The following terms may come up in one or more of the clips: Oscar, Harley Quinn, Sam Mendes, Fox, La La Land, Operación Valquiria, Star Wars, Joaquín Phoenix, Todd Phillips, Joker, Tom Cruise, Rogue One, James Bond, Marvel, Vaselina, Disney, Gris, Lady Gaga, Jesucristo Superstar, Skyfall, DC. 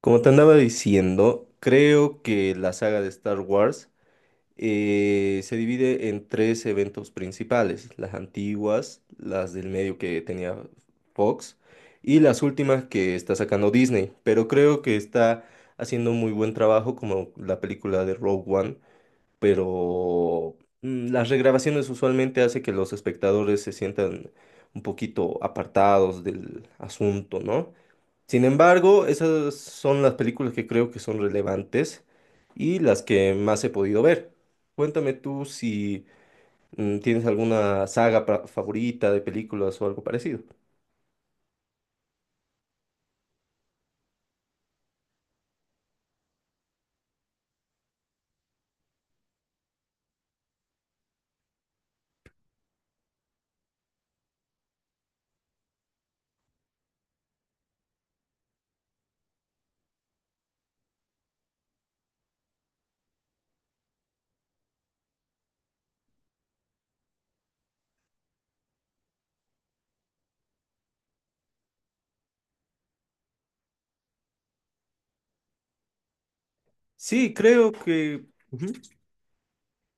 Como te andaba diciendo, creo que la saga de Star Wars se divide en tres eventos principales: las antiguas, las del medio que tenía Fox y las últimas que está sacando Disney, pero creo que está haciendo un muy buen trabajo como la película de Rogue One. pero las regrabaciones usualmente hace que los espectadores se sientan un poquito apartados del asunto, ¿no? Sin embargo, esas son las películas que creo que son relevantes y las que más he podido ver. Cuéntame tú si tienes alguna saga favorita de películas o algo parecido. Sí, creo que... Ujú.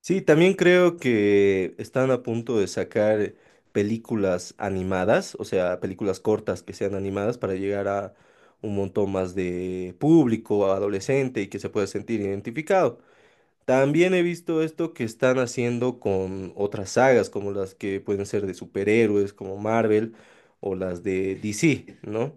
Sí, también creo que están a punto de sacar películas animadas, o sea, películas cortas que sean animadas para llegar a un montón más de público, adolescente y que se pueda sentir identificado. También he visto esto que están haciendo con otras sagas, como las que pueden ser de superhéroes, como Marvel, o las de DC, ¿no?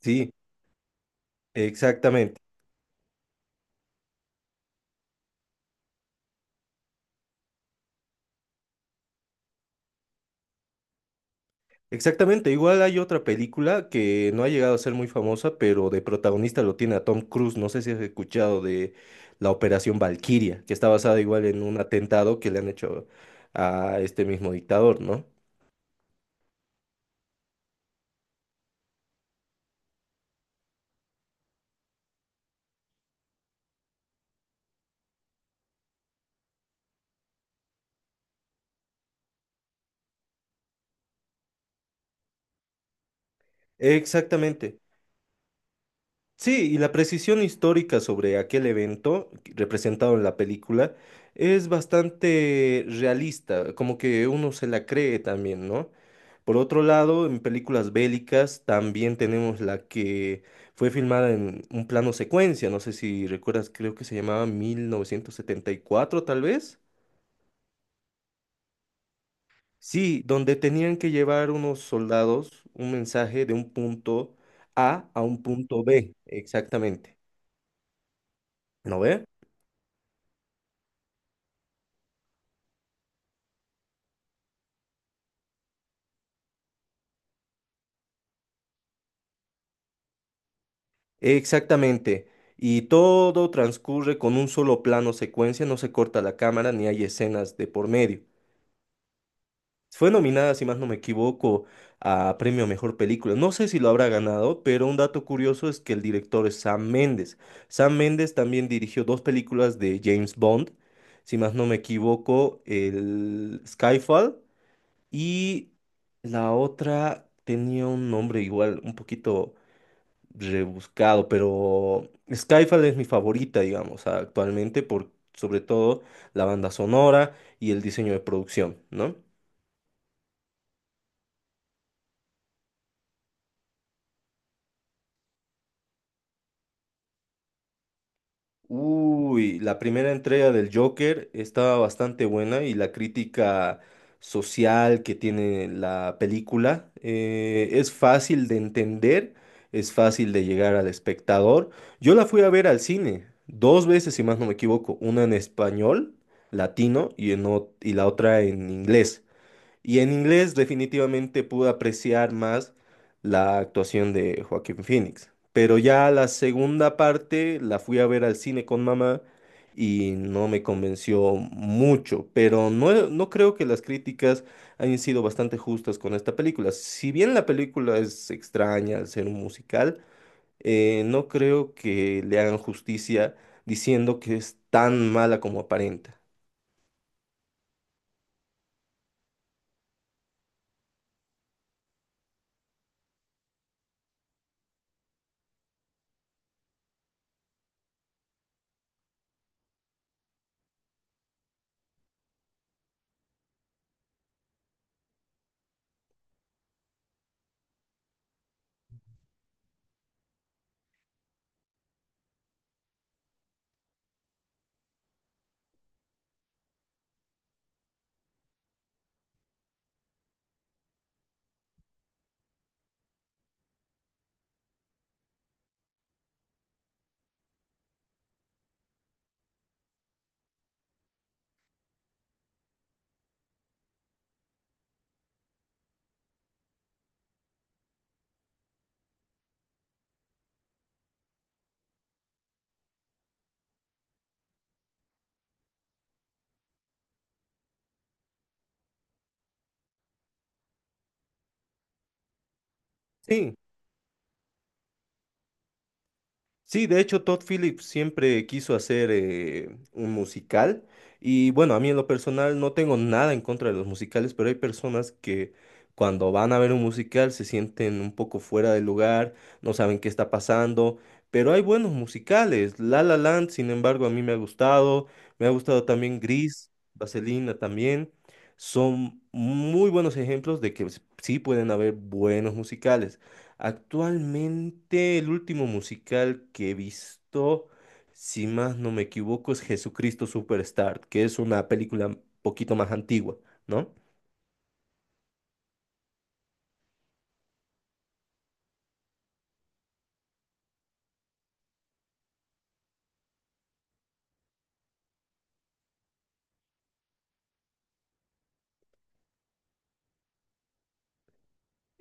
Sí, exactamente. Exactamente. Igual hay otra película que no ha llegado a ser muy famosa, pero de protagonista lo tiene a Tom Cruise. No sé si has escuchado de la Operación Valquiria, que está basada igual en un atentado que le han hecho a este mismo dictador, ¿no? Exactamente. Sí, y la precisión histórica sobre aquel evento representado en la película es bastante realista, como que uno se la cree también, ¿no? Por otro lado, en películas bélicas también tenemos la que fue filmada en un plano secuencia, no sé si recuerdas, creo que se llamaba 1974 tal vez. Sí, donde tenían que llevar unos soldados un mensaje de un punto A a un punto B, exactamente. ¿No ve? Exactamente. Y todo transcurre con un solo plano secuencia, no se corta la cámara ni hay escenas de por medio. Fue nominada, si más no me equivoco, a Premio a Mejor Película. No sé si lo habrá ganado, pero un dato curioso es que el director es Sam Mendes. Sam Mendes también dirigió dos películas de James Bond, si más no me equivoco, el Skyfall y la otra tenía un nombre igual, un poquito rebuscado, pero Skyfall es mi favorita, digamos, actualmente por sobre todo la banda sonora y el diseño de producción, ¿no? Uy, la primera entrega del Joker estaba bastante buena y la crítica social que tiene la película es fácil de entender, es fácil de llegar al espectador. Yo la fui a ver al cine dos veces, si más no me equivoco, una en español latino y, y la otra en inglés. Y en inglés definitivamente pude apreciar más la actuación de Joaquín Phoenix. Pero ya la segunda parte la fui a ver al cine con mamá y no me convenció mucho. Pero no, no creo que las críticas hayan sido bastante justas con esta película. Si bien la película es extraña al ser un musical, no creo que le hagan justicia diciendo que es tan mala como aparenta. Sí, Sí, de hecho Todd Phillips siempre quiso hacer un musical y bueno, a mí en lo personal no tengo nada en contra de los musicales, pero hay personas que cuando van a ver un musical se sienten un poco fuera del lugar, no saben qué está pasando, pero hay buenos musicales. La La Land, sin embargo, a mí me ha gustado también Gris, Vaselina también. Son muy buenos ejemplos de que sí pueden haber buenos musicales. Actualmente el último musical que he visto, si más no me equivoco, es Jesucristo Superstar, que es una película un poquito más antigua, ¿no?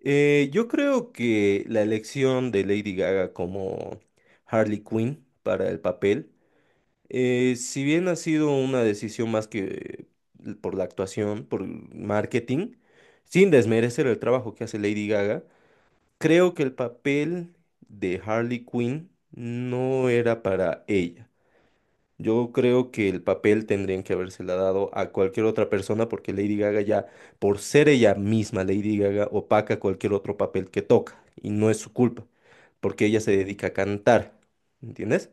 Yo creo que la elección de Lady Gaga como Harley Quinn para el papel, si bien ha sido una decisión más que por la actuación, por el marketing, sin desmerecer el trabajo que hace Lady Gaga, creo que el papel de Harley Quinn no era para ella. Yo creo que el papel tendrían que habérsela dado a cualquier otra persona porque Lady Gaga ya, por ser ella misma, Lady Gaga opaca cualquier otro papel que toca y no es su culpa porque ella se dedica a cantar, ¿entiendes?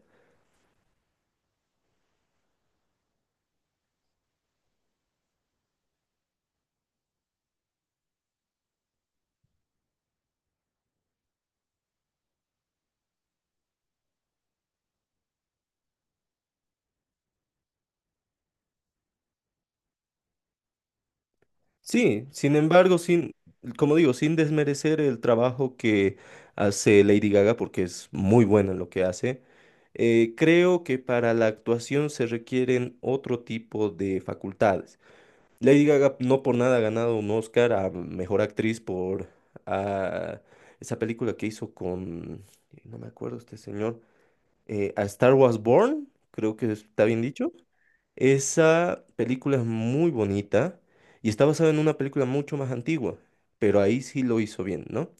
Sí, sin embargo, sin, como digo, sin desmerecer el trabajo que hace Lady Gaga, porque es muy buena en lo que hace, creo que para la actuación se requieren otro tipo de facultades. Lady Gaga no por nada ha ganado un Oscar a Mejor Actriz por ah, esa película que hizo con, no me acuerdo este señor, a Star Wars Born, creo que está bien dicho. Esa película es muy bonita y está basada en una película mucho más antigua, pero ahí sí lo hizo bien, ¿no?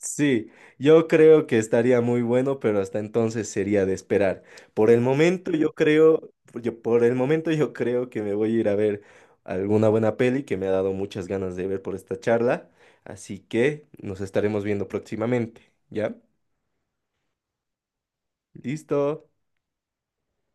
Sí, yo creo que estaría muy bueno, pero hasta entonces sería de esperar. Por el momento yo creo, por el momento yo creo que me voy a ir a ver alguna buena peli que me ha dado muchas ganas de ver por esta charla, así que nos estaremos viendo próximamente, ¿ya? Listo.